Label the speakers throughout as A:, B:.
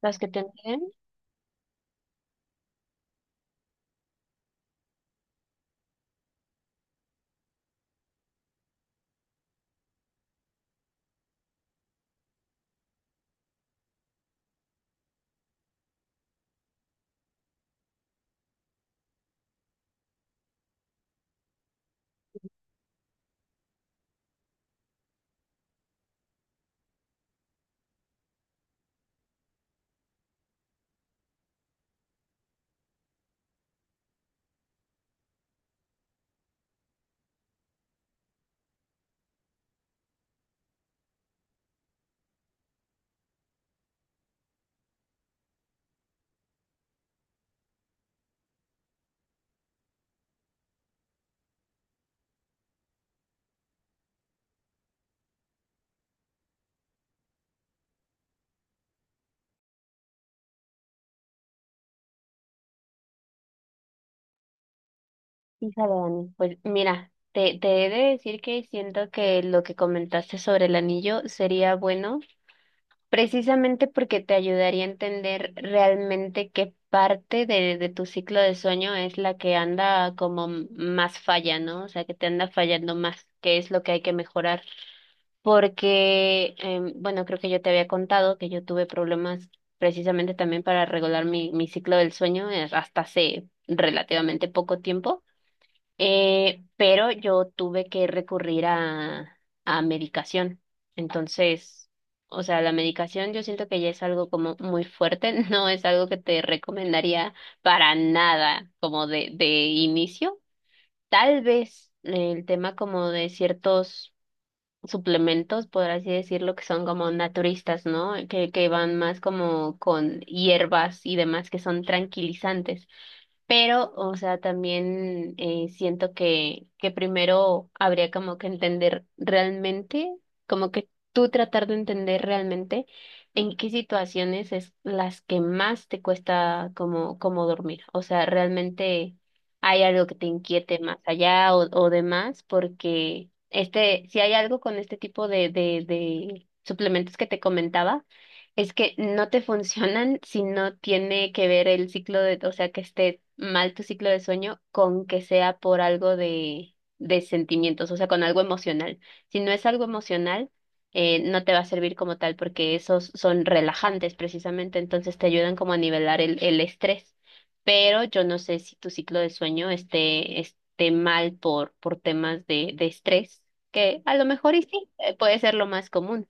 A: Las que tendrían, hija de Dani. Pues mira, te he de decir que siento que lo que comentaste sobre el anillo sería bueno, precisamente porque te ayudaría a entender realmente qué parte de tu ciclo de sueño es la que anda como más falla, ¿no? O sea, que te anda fallando más, qué es lo que hay que mejorar. Porque, bueno, creo que yo te había contado que yo tuve problemas precisamente también para regular mi ciclo del sueño hasta hace relativamente poco tiempo. Pero yo tuve que recurrir a medicación. Entonces, o sea, la medicación yo siento que ya es algo como muy fuerte, no es algo que te recomendaría para nada como de inicio. Tal vez el tema como de ciertos suplementos, por así decirlo, que son como naturistas, ¿no? Que van más como con hierbas y demás que son tranquilizantes. Pero, o sea, también siento que primero habría como que entender realmente, como que tú tratar de entender realmente en qué situaciones es las que más te cuesta como, como dormir. O sea, realmente hay algo que te inquiete más allá o demás, porque este, si hay algo con este tipo de suplementos que te comentaba, es que no te funcionan si no tiene que ver el ciclo de, o sea, que esté mal tu ciclo de sueño con que sea por algo de sentimientos, o sea, con algo emocional. Si no es algo emocional, no te va a servir como tal porque esos son relajantes precisamente, entonces te ayudan como a nivelar el estrés, pero yo no sé si tu ciclo de sueño esté mal por temas de estrés, que a lo mejor y sí, puede ser lo más común.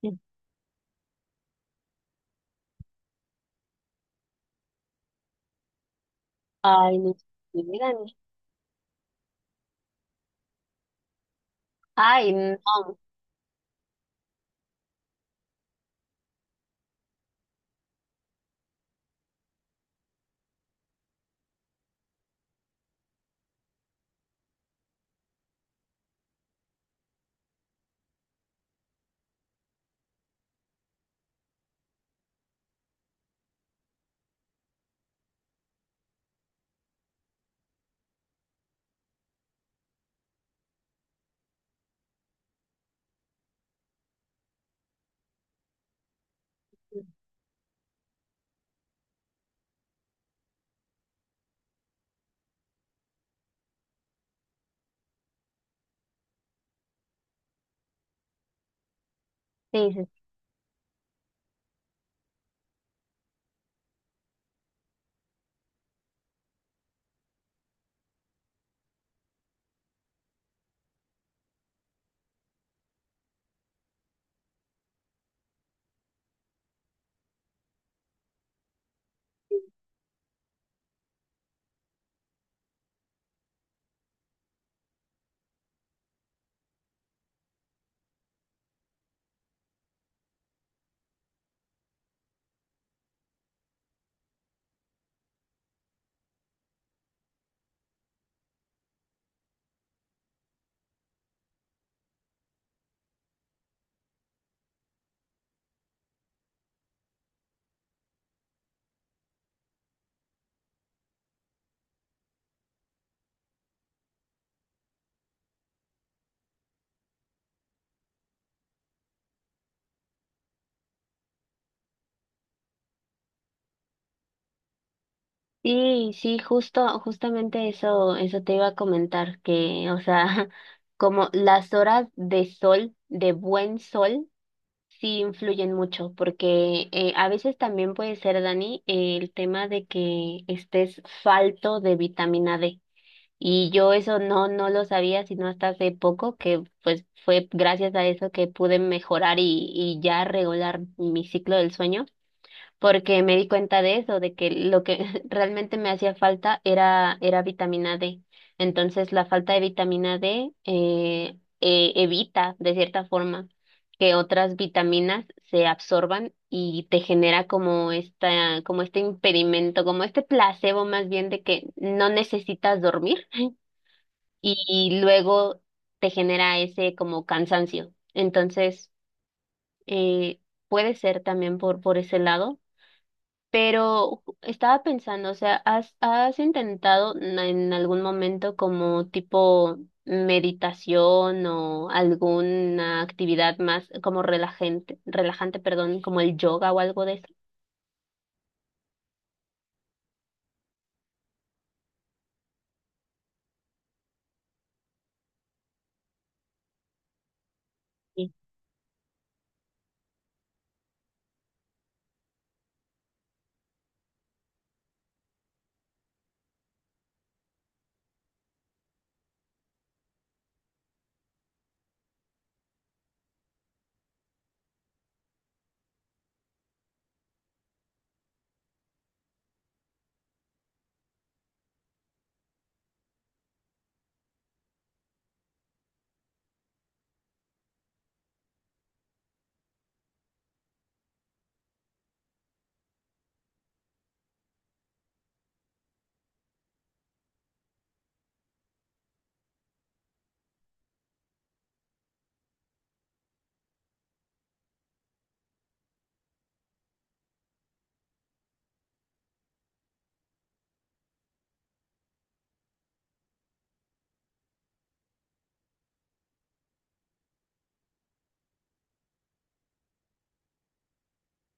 A: Sí. Ay, no, sí, dígame. Ay, no. Sí, sí, sí, sí, justo, justamente eso, eso te iba a comentar, que, o sea, como las horas de sol, de buen sol, sí influyen mucho, porque a veces también puede ser, Dani, el tema de que estés falto de vitamina D. Y yo eso no, no lo sabía, sino hasta hace poco, que pues fue gracias a eso que pude mejorar y ya regular mi ciclo del sueño porque me di cuenta de eso, de que lo que realmente me hacía falta era, era vitamina D. Entonces, la falta de vitamina D evita, de cierta forma, que otras vitaminas se absorban y te genera como esta, como este impedimento, como este placebo más bien de que no necesitas dormir y, y luego te genera ese como cansancio. Entonces, eh, puede ser también por ese lado, pero estaba pensando, o sea, ¿has, has intentado en algún momento como tipo meditación o alguna actividad más como relajante, relajante, perdón, como el yoga o algo de eso? Sí.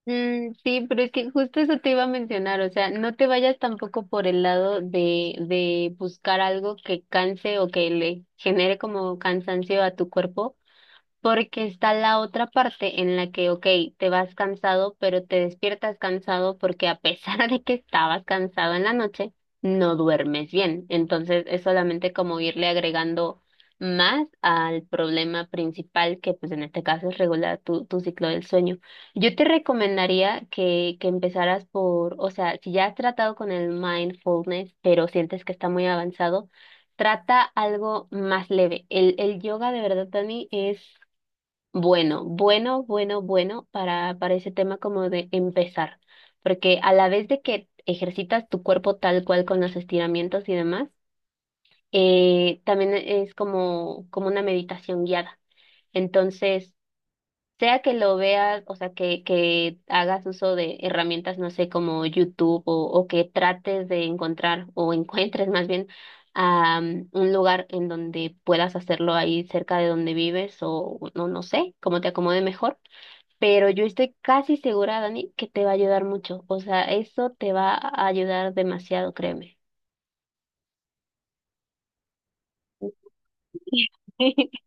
A: Mm, sí, pero es que justo eso te iba a mencionar, o sea, no te vayas tampoco por el lado de buscar algo que canse o que le genere como cansancio a tu cuerpo. Porque está la otra parte en la que, ok, te vas cansado, pero te despiertas cansado porque a pesar de que estabas cansado en la noche, no duermes bien. Entonces es solamente como irle agregando más al problema principal, que pues en este caso es regular tu ciclo del sueño. Yo te recomendaría que empezaras por, o sea, si ya has tratado con el mindfulness, pero sientes que está muy avanzado, trata algo más leve. El yoga de verdad, Dani, es bueno, bueno, bueno, bueno para ese tema como de empezar, porque a la vez de que ejercitas tu cuerpo tal cual con los estiramientos y demás, también es como, como una meditación guiada. Entonces, sea que lo veas, o sea, que hagas uso de herramientas, no sé, como YouTube o que trates de encontrar o encuentres más bien un lugar en donde puedas hacerlo ahí cerca de donde vives o no, no sé, como te acomode mejor, pero yo estoy casi segura, Dani, que te va a ayudar mucho. O sea, eso te va a ayudar demasiado, créeme.